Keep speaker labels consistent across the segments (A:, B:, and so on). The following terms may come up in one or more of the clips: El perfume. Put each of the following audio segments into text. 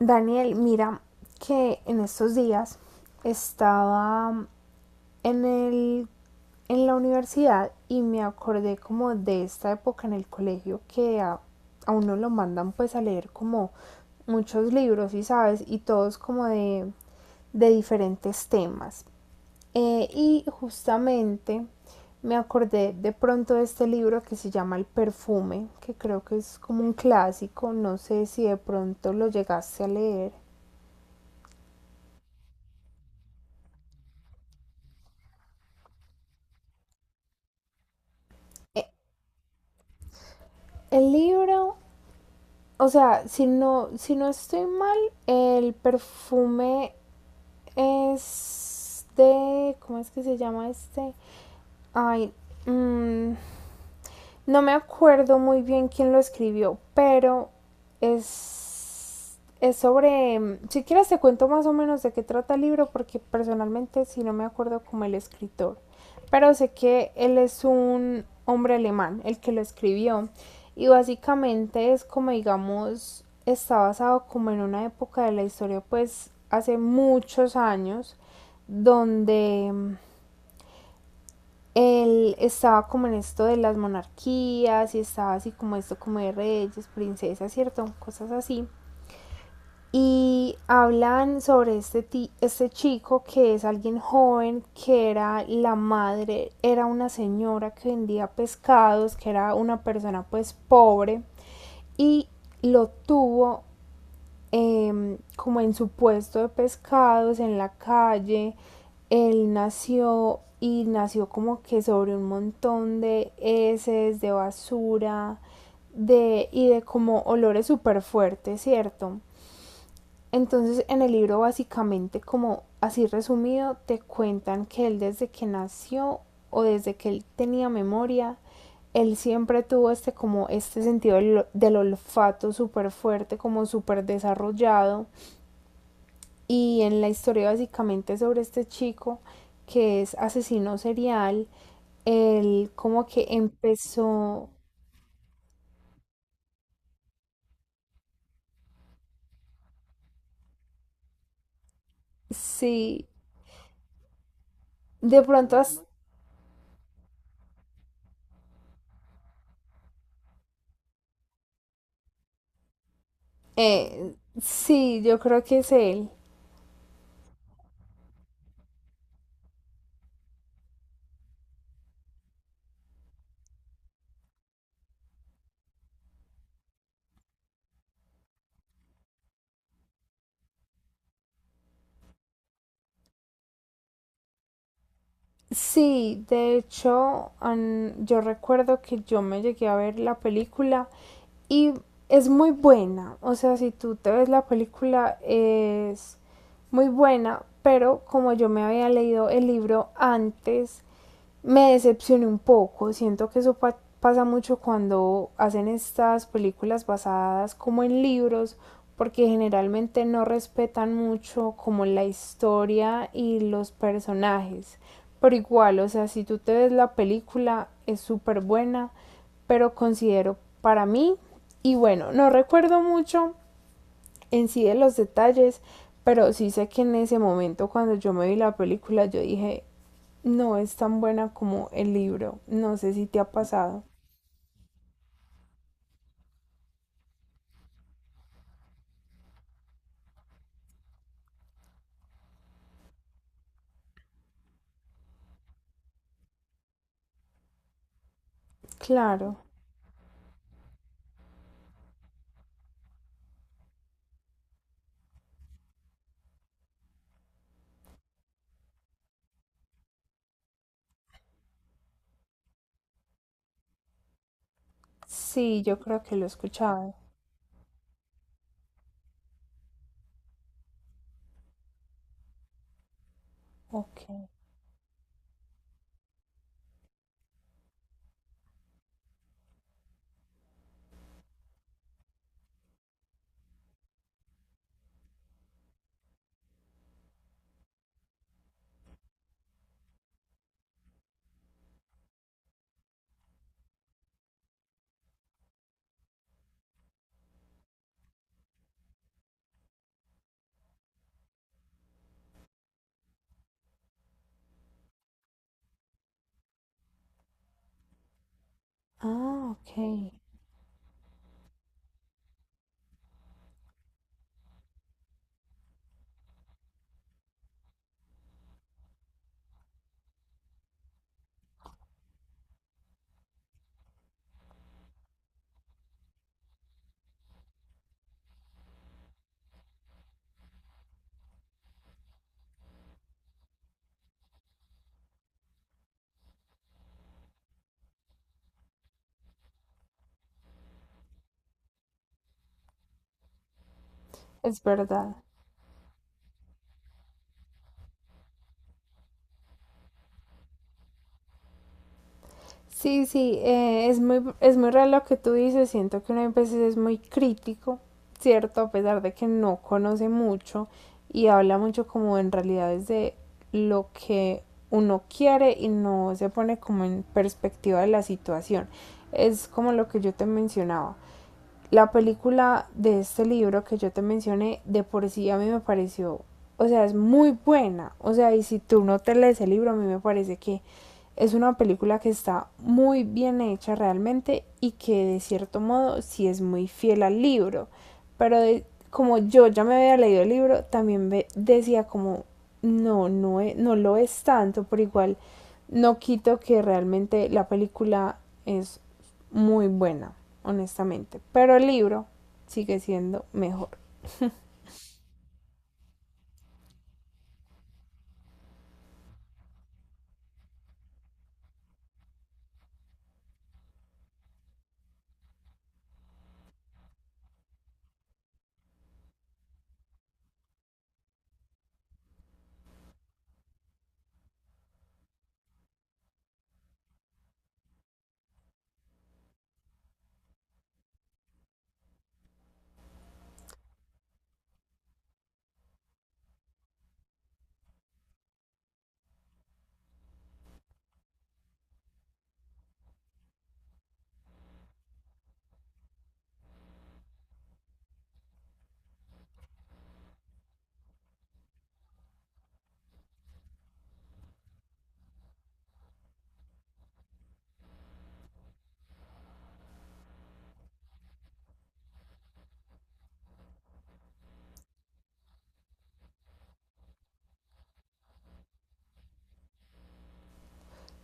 A: Daniel, mira que en estos días estaba en el en la universidad y me acordé como de esta época en el colegio que a uno lo mandan pues a leer como muchos libros y sabes y todos como de diferentes temas y justamente me acordé de pronto de este libro que se llama El perfume, que creo que es como un clásico, no sé si de pronto lo llegaste a leer. Eh, el libro, o sea, si no estoy mal, el perfume es de, ¿cómo es que se llama este? Ay, mm, no me acuerdo muy bien quién lo escribió, pero es sobre... Si quieres te cuento más o menos de qué trata el libro, porque personalmente sí no me acuerdo como el escritor. Pero sé que él es un hombre alemán, el que lo escribió. Y básicamente es como digamos, está basado como en una época de la historia, pues hace muchos años, donde él estaba como en esto de las monarquías y estaba así como esto como de reyes, princesas, ¿cierto? Cosas así. Y hablan sobre este chico que es alguien joven, que era la madre, era una señora que vendía pescados, que era una persona pues pobre y lo tuvo como en su puesto de pescados, en la calle. Él nació y nació como que sobre un montón de heces, de basura, y de como olores súper fuertes, ¿cierto? Entonces en el libro básicamente como así resumido te cuentan que él desde que nació o desde que él tenía memoria, él siempre tuvo este como este sentido del olfato súper fuerte, como súper desarrollado y en la historia básicamente sobre este chico que es asesino serial, él como que empezó, sí, de pronto, eh, sí, yo creo que es él. Sí, de hecho, yo recuerdo que yo me llegué a ver la película y es muy buena, o sea, si tú te ves la película es muy buena, pero como yo me había leído el libro antes, me decepcioné un poco. Siento que eso pasa mucho cuando hacen estas películas basadas como en libros, porque generalmente no respetan mucho como la historia y los personajes. Pero igual, o sea, si tú te ves la película, es súper buena, pero considero para mí, y bueno, no recuerdo mucho en sí de los detalles, pero sí sé que en ese momento cuando yo me vi la película yo dije, no es tan buena como el libro, no sé si te ha pasado. Claro, sí, yo creo que lo he escuchado. Ok. Ah, ok. Es verdad. Sí, sí, es muy real lo que tú dices, siento que uno a veces es muy crítico, ¿cierto? A pesar de que no conoce mucho y habla mucho como en realidad desde lo que uno quiere y no se pone como en perspectiva de la situación. Es como lo que yo te mencionaba la película de este libro que yo te mencioné, de por sí a mí me pareció, o sea, es muy buena. O sea, y si tú no te lees el libro, a mí me parece que es una película que está muy bien hecha realmente y que de cierto modo sí es muy fiel al libro. Pero de, como yo ya me había leído el libro, también ve, decía como, no, no, e, no lo es tanto, por igual no quito que realmente la película es muy buena, honestamente. Pero el libro sigue siendo mejor.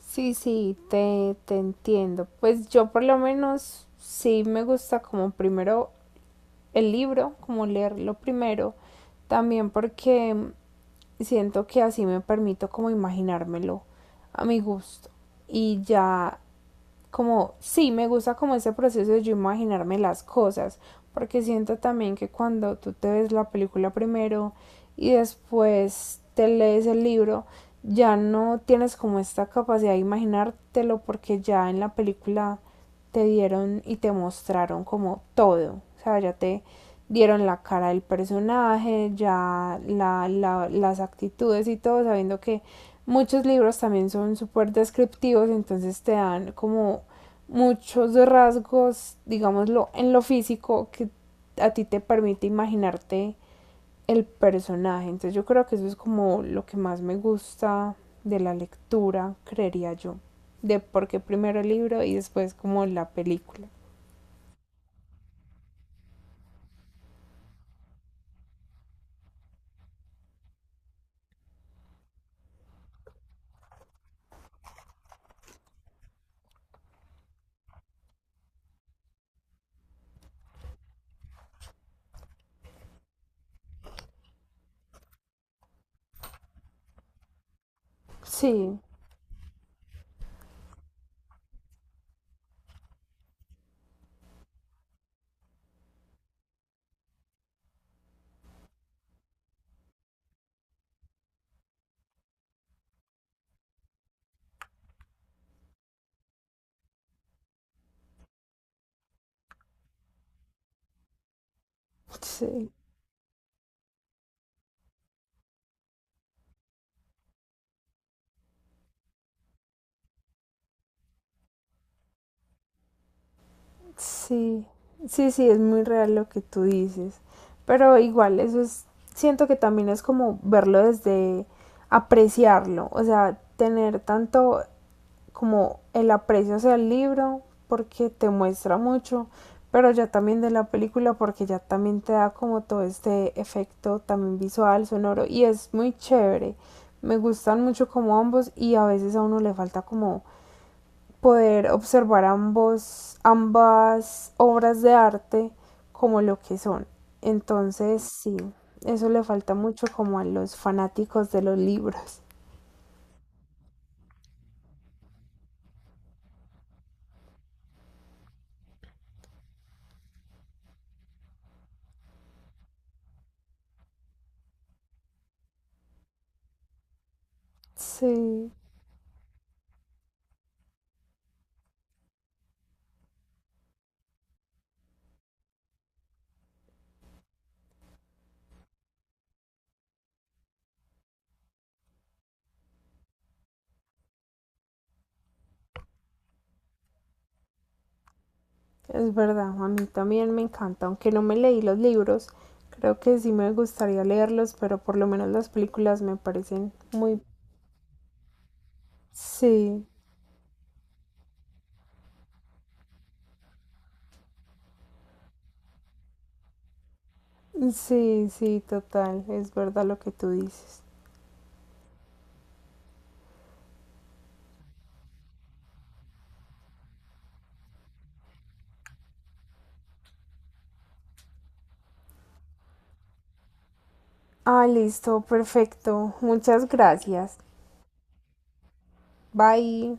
A: Sí, sí, te entiendo. Pues yo por lo menos sí me gusta como primero el libro, como leerlo primero. También porque siento que así me permito como imaginármelo a mi gusto. Y ya como, sí, me gusta como ese proceso de yo imaginarme las cosas, porque siento también que cuando tú te ves la película primero y después te lees el libro, ya no tienes como esta capacidad de imaginártelo porque ya en la película te dieron y te mostraron como todo. O sea, ya te dieron la cara del personaje, ya las actitudes y todo, sabiendo que muchos libros también son súper descriptivos, entonces te dan como muchos rasgos, digámoslo, en lo físico que a ti te permite imaginarte el personaje. Entonces yo creo que eso es como lo que más me gusta de la lectura, creería yo. De porque primero el libro y después como la película. Sí, sí, sí. Sí, sí, es muy real lo que tú dices. Pero igual, eso es, siento que también es como verlo desde apreciarlo, o sea, tener tanto como el aprecio hacia el libro porque te muestra mucho, pero ya también de la película porque ya también te da como todo este efecto también visual, sonoro y es muy chévere. Me gustan mucho como ambos y a veces a uno le falta como poder observar ambos ambas obras de arte como lo que son. Entonces, sí, eso le falta mucho como a los fanáticos de los libros. Sí. Es verdad, a mí también me encanta, aunque no me leí los libros, creo que sí me gustaría leerlos, pero por lo menos las películas me parecen muy... Sí, sí, sí, total, es verdad lo que tú dices. Ah, listo, perfecto. Muchas gracias. Bye.